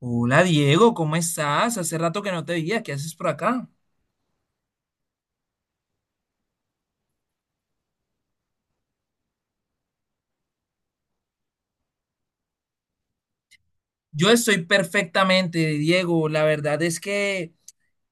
Hola, Diego, ¿cómo estás? Hace rato que no te veía, ¿qué haces por acá? Yo estoy perfectamente, Diego. La verdad es que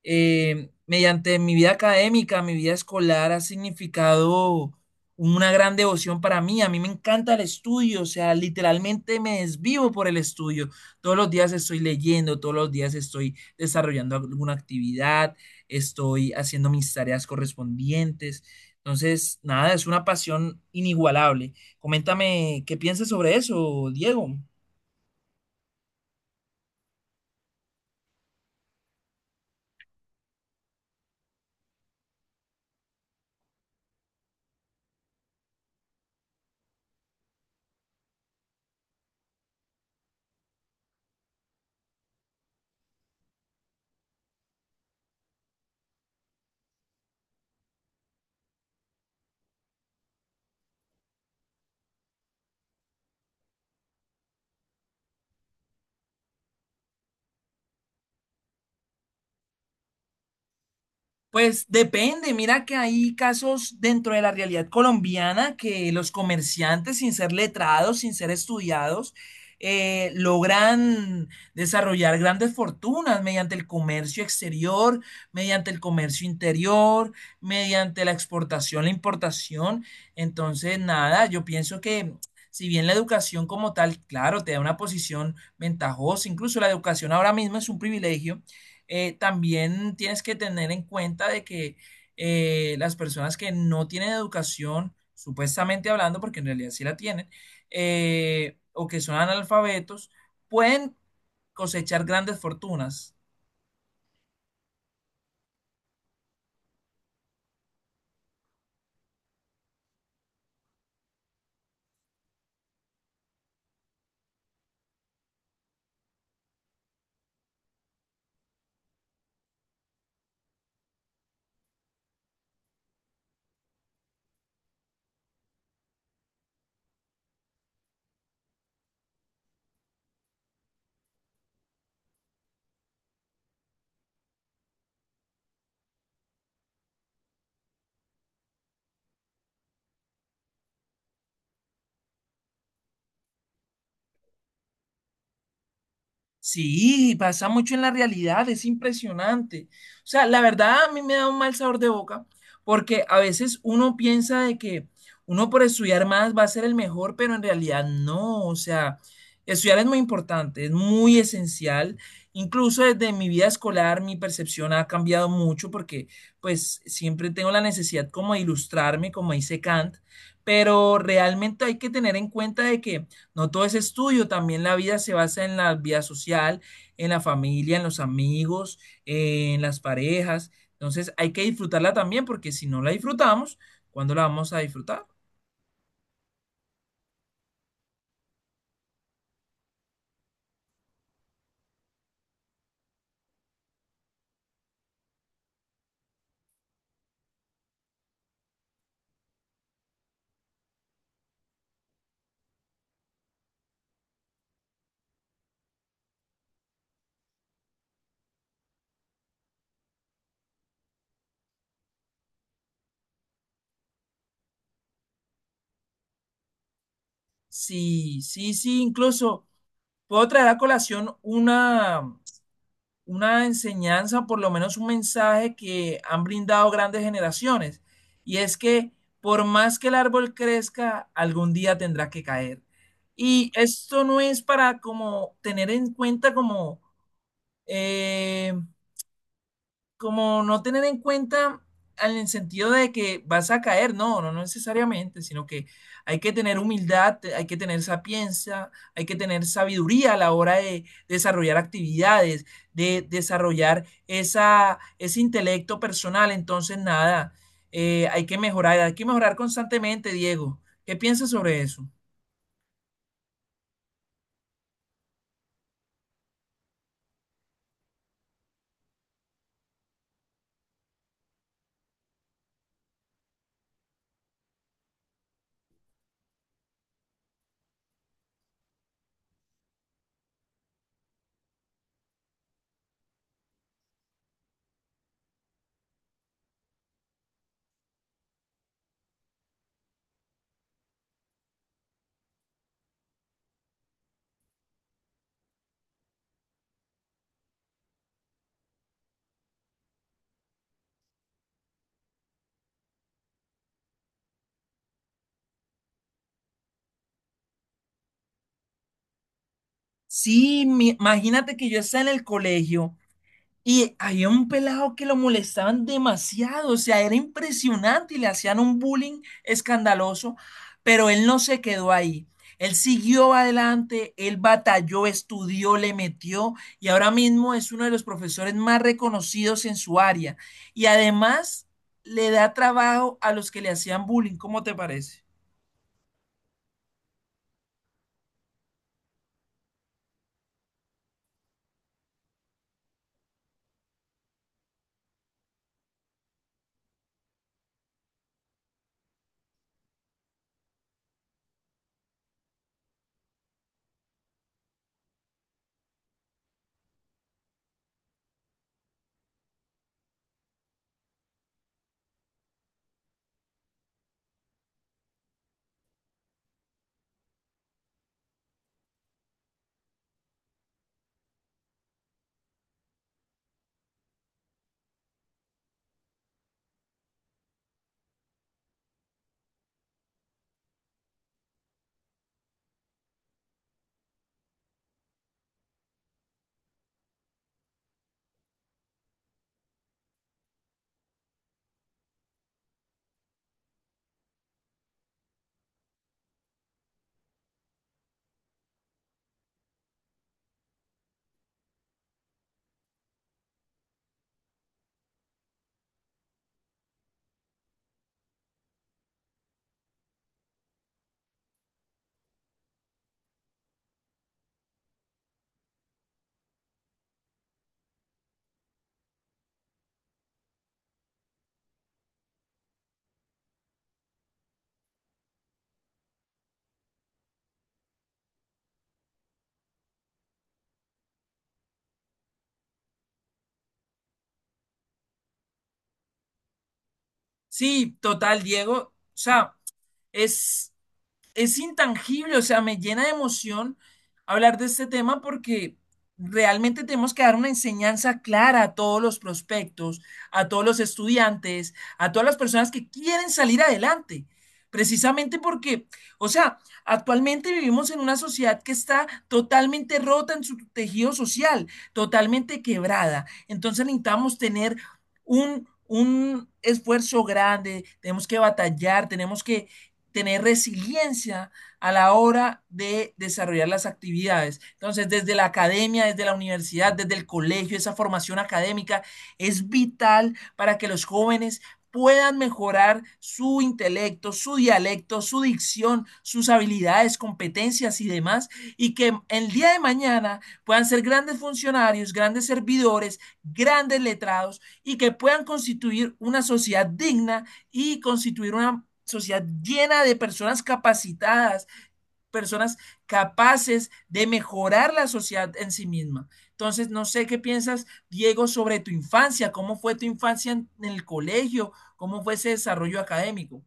mediante mi vida académica, mi vida escolar, ha significado una gran devoción para mí. A mí me encanta el estudio, o sea, literalmente me desvivo por el estudio. Todos los días estoy leyendo, todos los días estoy desarrollando alguna actividad, estoy haciendo mis tareas correspondientes. Entonces, nada, es una pasión inigualable. Coméntame qué piensas sobre eso, Diego. Pues depende, mira que hay casos dentro de la realidad colombiana que los comerciantes, sin ser letrados, sin ser estudiados, logran desarrollar grandes fortunas mediante el comercio exterior, mediante el comercio interior, mediante la exportación, la importación. Entonces, nada, yo pienso que si bien la educación como tal, claro, te da una posición ventajosa, incluso la educación ahora mismo es un privilegio. También tienes que tener en cuenta de que las personas que no tienen educación, supuestamente hablando, porque en realidad sí la tienen, o que son analfabetos, pueden cosechar grandes fortunas. Sí, pasa mucho en la realidad, es impresionante. O sea, la verdad a mí me da un mal sabor de boca porque a veces uno piensa de que uno por estudiar más va a ser el mejor, pero en realidad no. O sea, estudiar es muy importante, es muy esencial. Incluso desde mi vida escolar mi percepción ha cambiado mucho porque pues siempre tengo la necesidad como de ilustrarme, como dice Kant, pero realmente hay que tener en cuenta de que no todo es estudio, también la vida se basa en la vida social, en la familia, en los amigos, en las parejas. Entonces hay que disfrutarla también porque si no la disfrutamos, ¿cuándo la vamos a disfrutar? Sí, sí, sí, incluso puedo traer a colación una enseñanza, por lo menos un mensaje que han brindado grandes generaciones. Y es que por más que el árbol crezca, algún día tendrá que caer. Y esto no es para como tener en cuenta como eh, como no tener en cuenta en el sentido de que vas a caer, no, no, no necesariamente, sino que hay que tener humildad, hay que tener sapiencia, hay que tener sabiduría a la hora de desarrollar actividades, de desarrollar ese intelecto personal. Entonces, nada, hay que mejorar constantemente, Diego. ¿Qué piensas sobre eso? Sí, imagínate que yo estaba en el colegio y había un pelado que lo molestaban demasiado, o sea, era impresionante y le hacían un bullying escandaloso, pero él no se quedó ahí. Él siguió adelante, él batalló, estudió, le metió y ahora mismo es uno de los profesores más reconocidos en su área. Y además le da trabajo a los que le hacían bullying, ¿cómo te parece? Sí, total, Diego. O sea, es es intangible, o sea, me llena de emoción hablar de este tema porque realmente tenemos que dar una enseñanza clara a todos los prospectos, a todos los estudiantes, a todas las personas que quieren salir adelante. Precisamente porque, o sea, actualmente vivimos en una sociedad que está totalmente rota en su tejido social, totalmente quebrada. Entonces necesitamos tener un esfuerzo grande, tenemos que batallar, tenemos que tener resiliencia a la hora de desarrollar las actividades. Entonces, desde la academia, desde la universidad, desde el colegio, esa formación académica es vital para que los jóvenes puedan mejorar su intelecto, su dialecto, su dicción, sus habilidades, competencias y demás, y que el día de mañana puedan ser grandes funcionarios, grandes servidores, grandes letrados, y que puedan constituir una sociedad digna y constituir una sociedad llena de personas capacitadas, personas capaces de mejorar la sociedad en sí misma. Entonces, no sé qué piensas, Diego, sobre tu infancia, cómo fue tu infancia en el colegio, cómo fue ese desarrollo académico.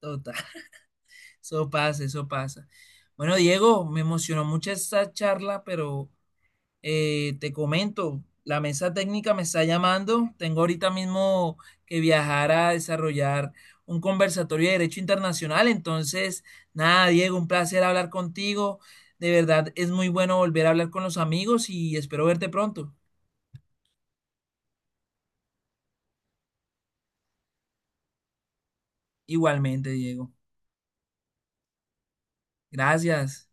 Total, eso pasa, eso pasa. Bueno, Diego, me emocionó mucho esta charla, pero te comento, la mesa técnica me está llamando. Tengo ahorita mismo que viajar a desarrollar un conversatorio de Derecho Internacional. Entonces, nada, Diego, un placer hablar contigo. De verdad, es muy bueno volver a hablar con los amigos y espero verte pronto. Igualmente, Diego. Gracias.